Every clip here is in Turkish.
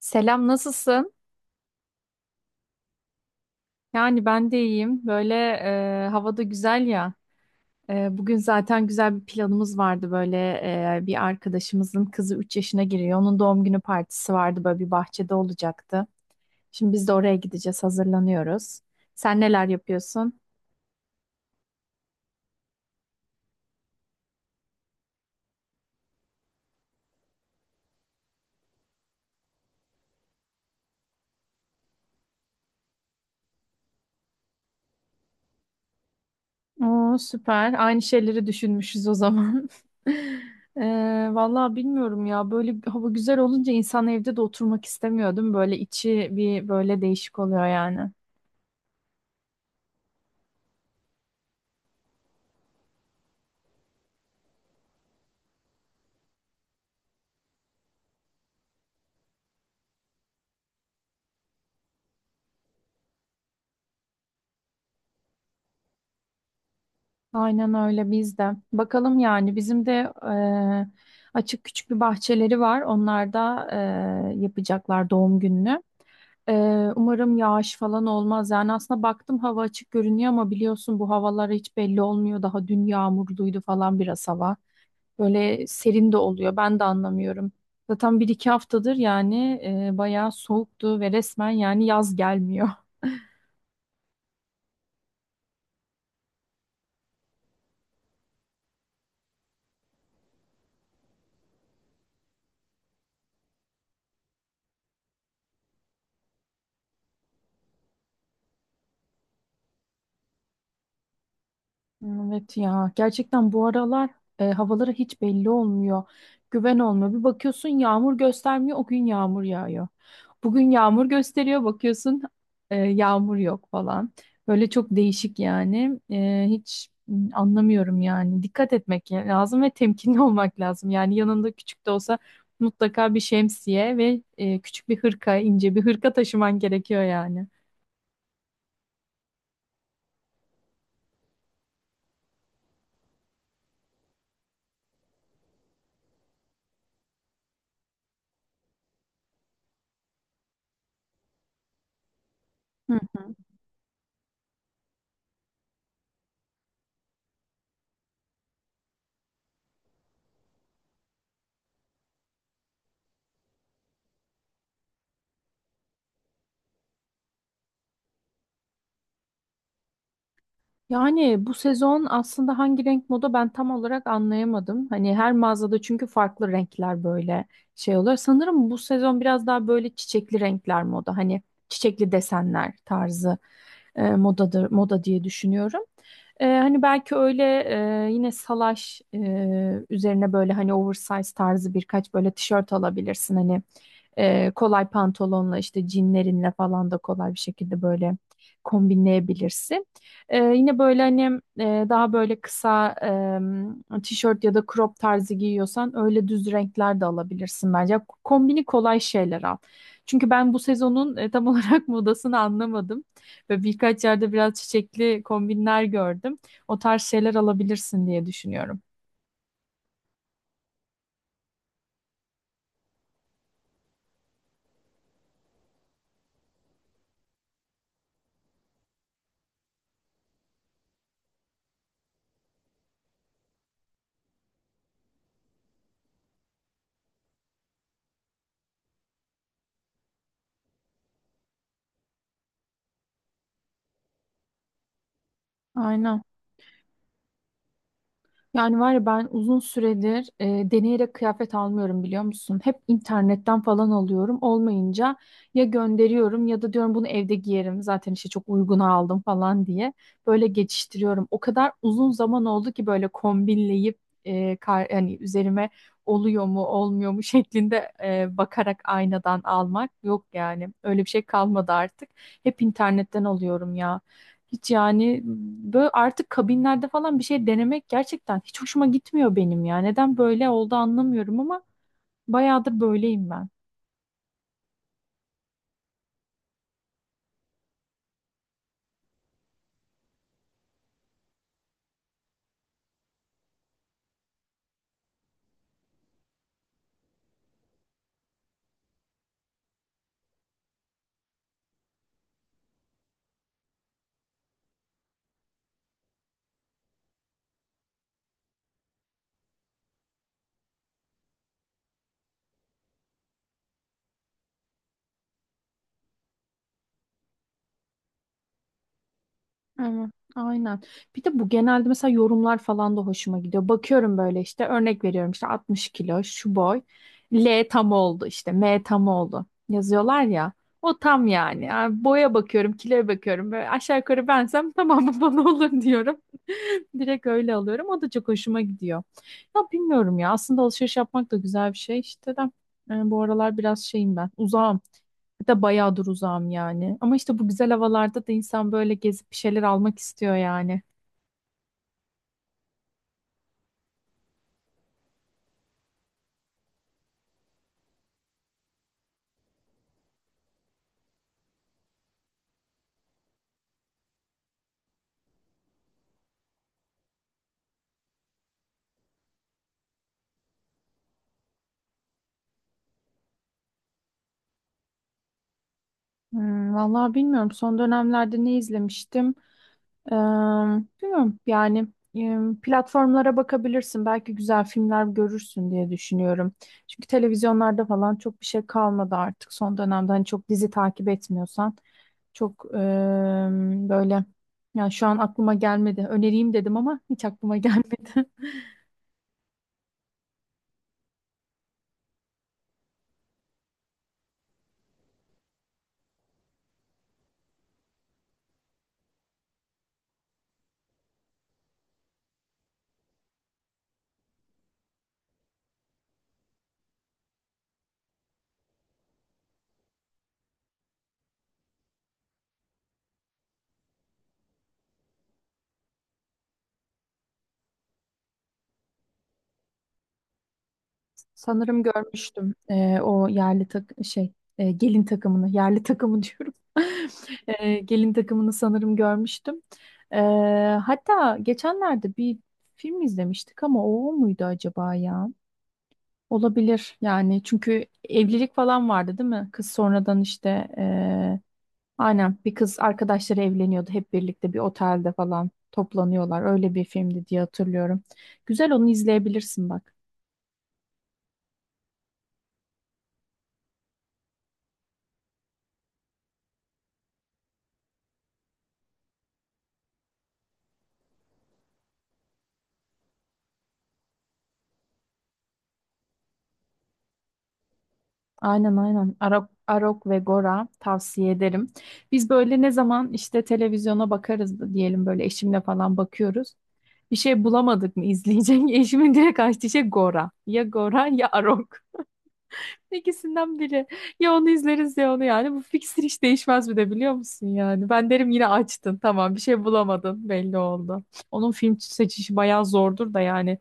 Selam, nasılsın? Yani ben de iyiyim. Böyle havada güzel ya. Bugün zaten güzel bir planımız vardı. Böyle bir arkadaşımızın kızı 3 yaşına giriyor. Onun doğum günü partisi vardı. Böyle bir bahçede olacaktı. Şimdi biz de oraya gideceğiz. Hazırlanıyoruz. Sen neler yapıyorsun? Oo, süper. Aynı şeyleri düşünmüşüz o zaman. E, vallahi bilmiyorum ya. Böyle bir hava güzel olunca insan evde de oturmak istemiyordum. Böyle içi bir böyle değişik oluyor yani. Aynen öyle biz de. Bakalım yani bizim de açık küçük bir bahçeleri var. Onlar da yapacaklar doğum gününü. E, umarım yağış falan olmaz. Yani aslında baktım hava açık görünüyor ama biliyorsun bu havalar hiç belli olmuyor. Daha dün yağmurluydu falan biraz hava. Böyle serin de oluyor. Ben de anlamıyorum. Zaten bir iki haftadır yani bayağı soğuktu ve resmen yani yaz gelmiyor. Evet ya gerçekten bu aralar havalara hiç belli olmuyor. Güven olmuyor. Bir bakıyorsun yağmur göstermiyor o gün yağmur yağıyor. Bugün yağmur gösteriyor bakıyorsun yağmur yok falan. Böyle çok değişik yani. Hiç anlamıyorum yani. Dikkat etmek lazım ve temkinli olmak lazım. Yani yanında küçük de olsa mutlaka bir şemsiye ve küçük bir hırka, ince bir hırka taşıman gerekiyor yani. Yani bu sezon aslında hangi renk moda ben tam olarak anlayamadım. Hani her mağazada çünkü farklı renkler böyle şey oluyor. Sanırım bu sezon biraz daha böyle çiçekli renkler moda. Hani çiçekli desenler tarzı moda diye düşünüyorum. Hani belki öyle yine salaş üzerine böyle hani oversize tarzı birkaç böyle tişört alabilirsin. Hani kolay pantolonla işte jeanlerinle falan da kolay bir şekilde böyle kombinleyebilirsin. Yine böyle hani daha böyle kısa tişört ya da crop tarzı giyiyorsan öyle düz renkler de alabilirsin bence. Kombini kolay şeyler al. Çünkü ben bu sezonun tam olarak modasını anlamadım. Ve birkaç yerde biraz çiçekli kombinler gördüm. O tarz şeyler alabilirsin diye düşünüyorum. Aynen. Yani var ya ben uzun süredir deneyerek kıyafet almıyorum biliyor musun? Hep internetten falan alıyorum. Olmayınca ya gönderiyorum ya da diyorum bunu evde giyerim. Zaten işte çok uyguna aldım falan diye. Böyle geçiştiriyorum. O kadar uzun zaman oldu ki böyle kombinleyip hani üzerime oluyor mu olmuyor mu şeklinde bakarak aynadan almak yok yani. Öyle bir şey kalmadı artık. Hep internetten alıyorum ya. Hiç yani böyle artık kabinlerde falan bir şey denemek gerçekten hiç hoşuma gitmiyor benim ya. Neden böyle oldu anlamıyorum ama bayağıdır böyleyim ben. Evet, aynen. Bir de bu genelde mesela yorumlar falan da hoşuma gidiyor. Bakıyorum böyle işte örnek veriyorum işte 60 kilo şu boy. L tam oldu işte M tam oldu yazıyorlar ya. O tam yani. Yani boya bakıyorum, kiloya bakıyorum. Böyle aşağı yukarı bensem tamam bu bana olur diyorum. Direkt öyle alıyorum. O da çok hoşuma gidiyor. Ya bilmiyorum ya. Aslında alışveriş yapmak da güzel bir şey işte de. Bu aralar biraz şeyim ben. Uzağım. Bir de bayağıdır uzağım yani. Ama işte bu güzel havalarda da insan böyle gezip bir şeyler almak istiyor yani. Hmm, vallahi bilmiyorum. Son dönemlerde ne izlemiştim? Ee, bilmiyorum yani e, platformlara bakabilirsin. Belki güzel filmler görürsün diye düşünüyorum. Çünkü televizyonlarda falan çok bir şey kalmadı artık son dönemde. Hani çok dizi takip etmiyorsan çok böyle yani şu an aklıma gelmedi. Önereyim dedim ama hiç aklıma gelmedi. Sanırım görmüştüm o yerli gelin takımını yerli takımı diyorum. Gelin takımını sanırım görmüştüm. E, hatta geçenlerde bir film izlemiştik ama o muydu acaba ya? Olabilir yani çünkü evlilik falan vardı değil mi? Kız sonradan işte e, aynen bir kız arkadaşları evleniyordu hep birlikte bir otelde falan toplanıyorlar. Öyle bir filmdi diye hatırlıyorum. Güzel onu izleyebilirsin bak. Aynen aynen. Arok ve Gora tavsiye ederim. Biz böyle ne zaman işte televizyona bakarız da diyelim böyle eşimle falan bakıyoruz. Bir şey bulamadık mı izleyecek? Eşimin direkt açtığı şey Gora. Ya Gora ya Arok. İkisinden biri. Ya onu izleriz ya onu yani. Bu fiksir hiç değişmez bir de biliyor musun yani. Ben derim yine açtın tamam bir şey bulamadın belli oldu. Onun film seçişi bayağı zordur da yani.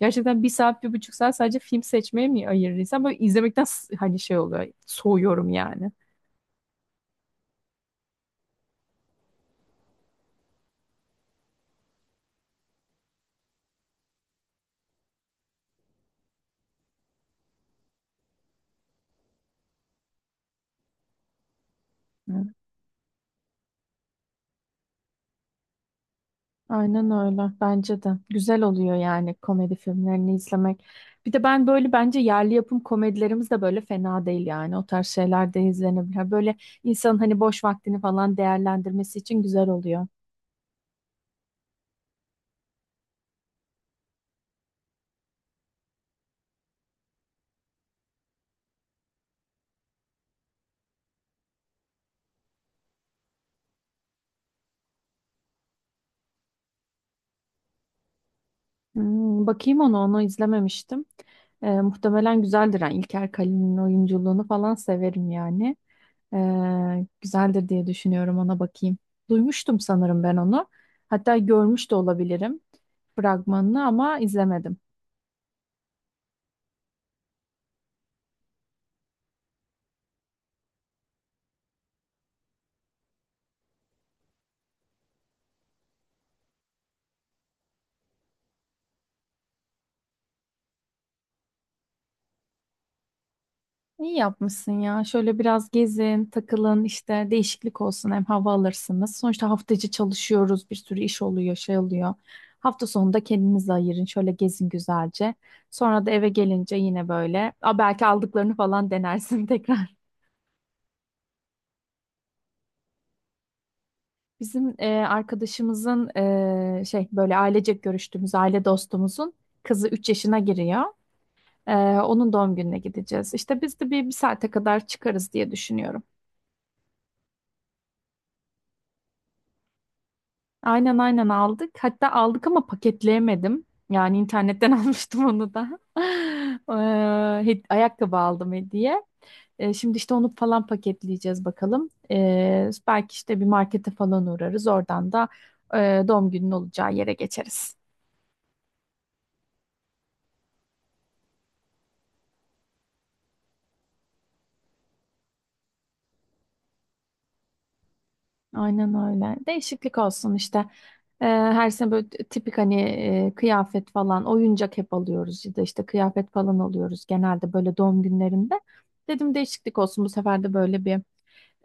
Gerçekten bir saat bir buçuk saat sadece film seçmeye mi ayırır insan? Böyle izlemekten hani şey oluyor soğuyorum yani. Aynen öyle. Bence de. Güzel oluyor yani komedi filmlerini izlemek. Bir de ben böyle bence yerli yapım komedilerimiz de böyle fena değil yani. O tarz şeyler de izlenebilir. Böyle insanın hani boş vaktini falan değerlendirmesi için güzel oluyor. Hmm, bakayım onu izlememiştim. Muhtemelen güzeldir. Yani İlker Kalın'ın oyunculuğunu falan severim yani. Güzeldir diye düşünüyorum ona bakayım. Duymuştum sanırım ben onu. Hatta görmüş de olabilirim fragmanını ama izlemedim. İyi yapmışsın ya. Şöyle biraz gezin, takılın, işte değişiklik olsun hem hava alırsınız. Sonuçta hafta içi çalışıyoruz, bir sürü iş oluyor, şey oluyor. Hafta sonunda kendinizi ayırın, şöyle gezin güzelce. Sonra da eve gelince yine böyle, belki aldıklarını falan denersin tekrar. Bizim arkadaşımızın şey böyle ailecek görüştüğümüz aile dostumuzun kızı 3 yaşına giriyor. E, onun doğum gününe gideceğiz. İşte biz de bir saate kadar çıkarız diye düşünüyorum. Aynen aynen aldık. Hatta aldık ama paketleyemedim. Yani internetten almıştım onu da. Ee, ayakkabı aldım hediye. Şimdi işte onu falan paketleyeceğiz bakalım. Belki işte bir markete falan uğrarız. Oradan da doğum günün olacağı yere geçeriz. Aynen öyle. Değişiklik olsun işte. Her sene böyle tipik hani kıyafet falan, oyuncak hep alıyoruz. Ya da işte kıyafet falan alıyoruz genelde böyle doğum günlerinde. Dedim değişiklik olsun bu sefer de böyle bir...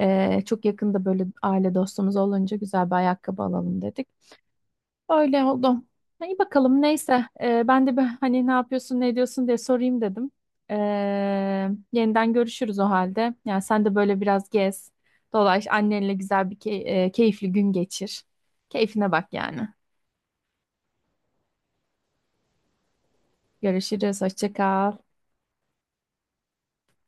Çok yakında böyle aile dostumuz olunca güzel bir ayakkabı alalım dedik. Öyle oldu. İyi bakalım neyse. Ben de bir hani ne yapıyorsun ne ediyorsun diye sorayım dedim. Ee, yeniden görüşürüz o halde. Yani sen de böyle biraz gez, dolaş, annenle güzel bir keyifli gün geçir. Keyfine bak yani. Görüşürüz, hoşça kal.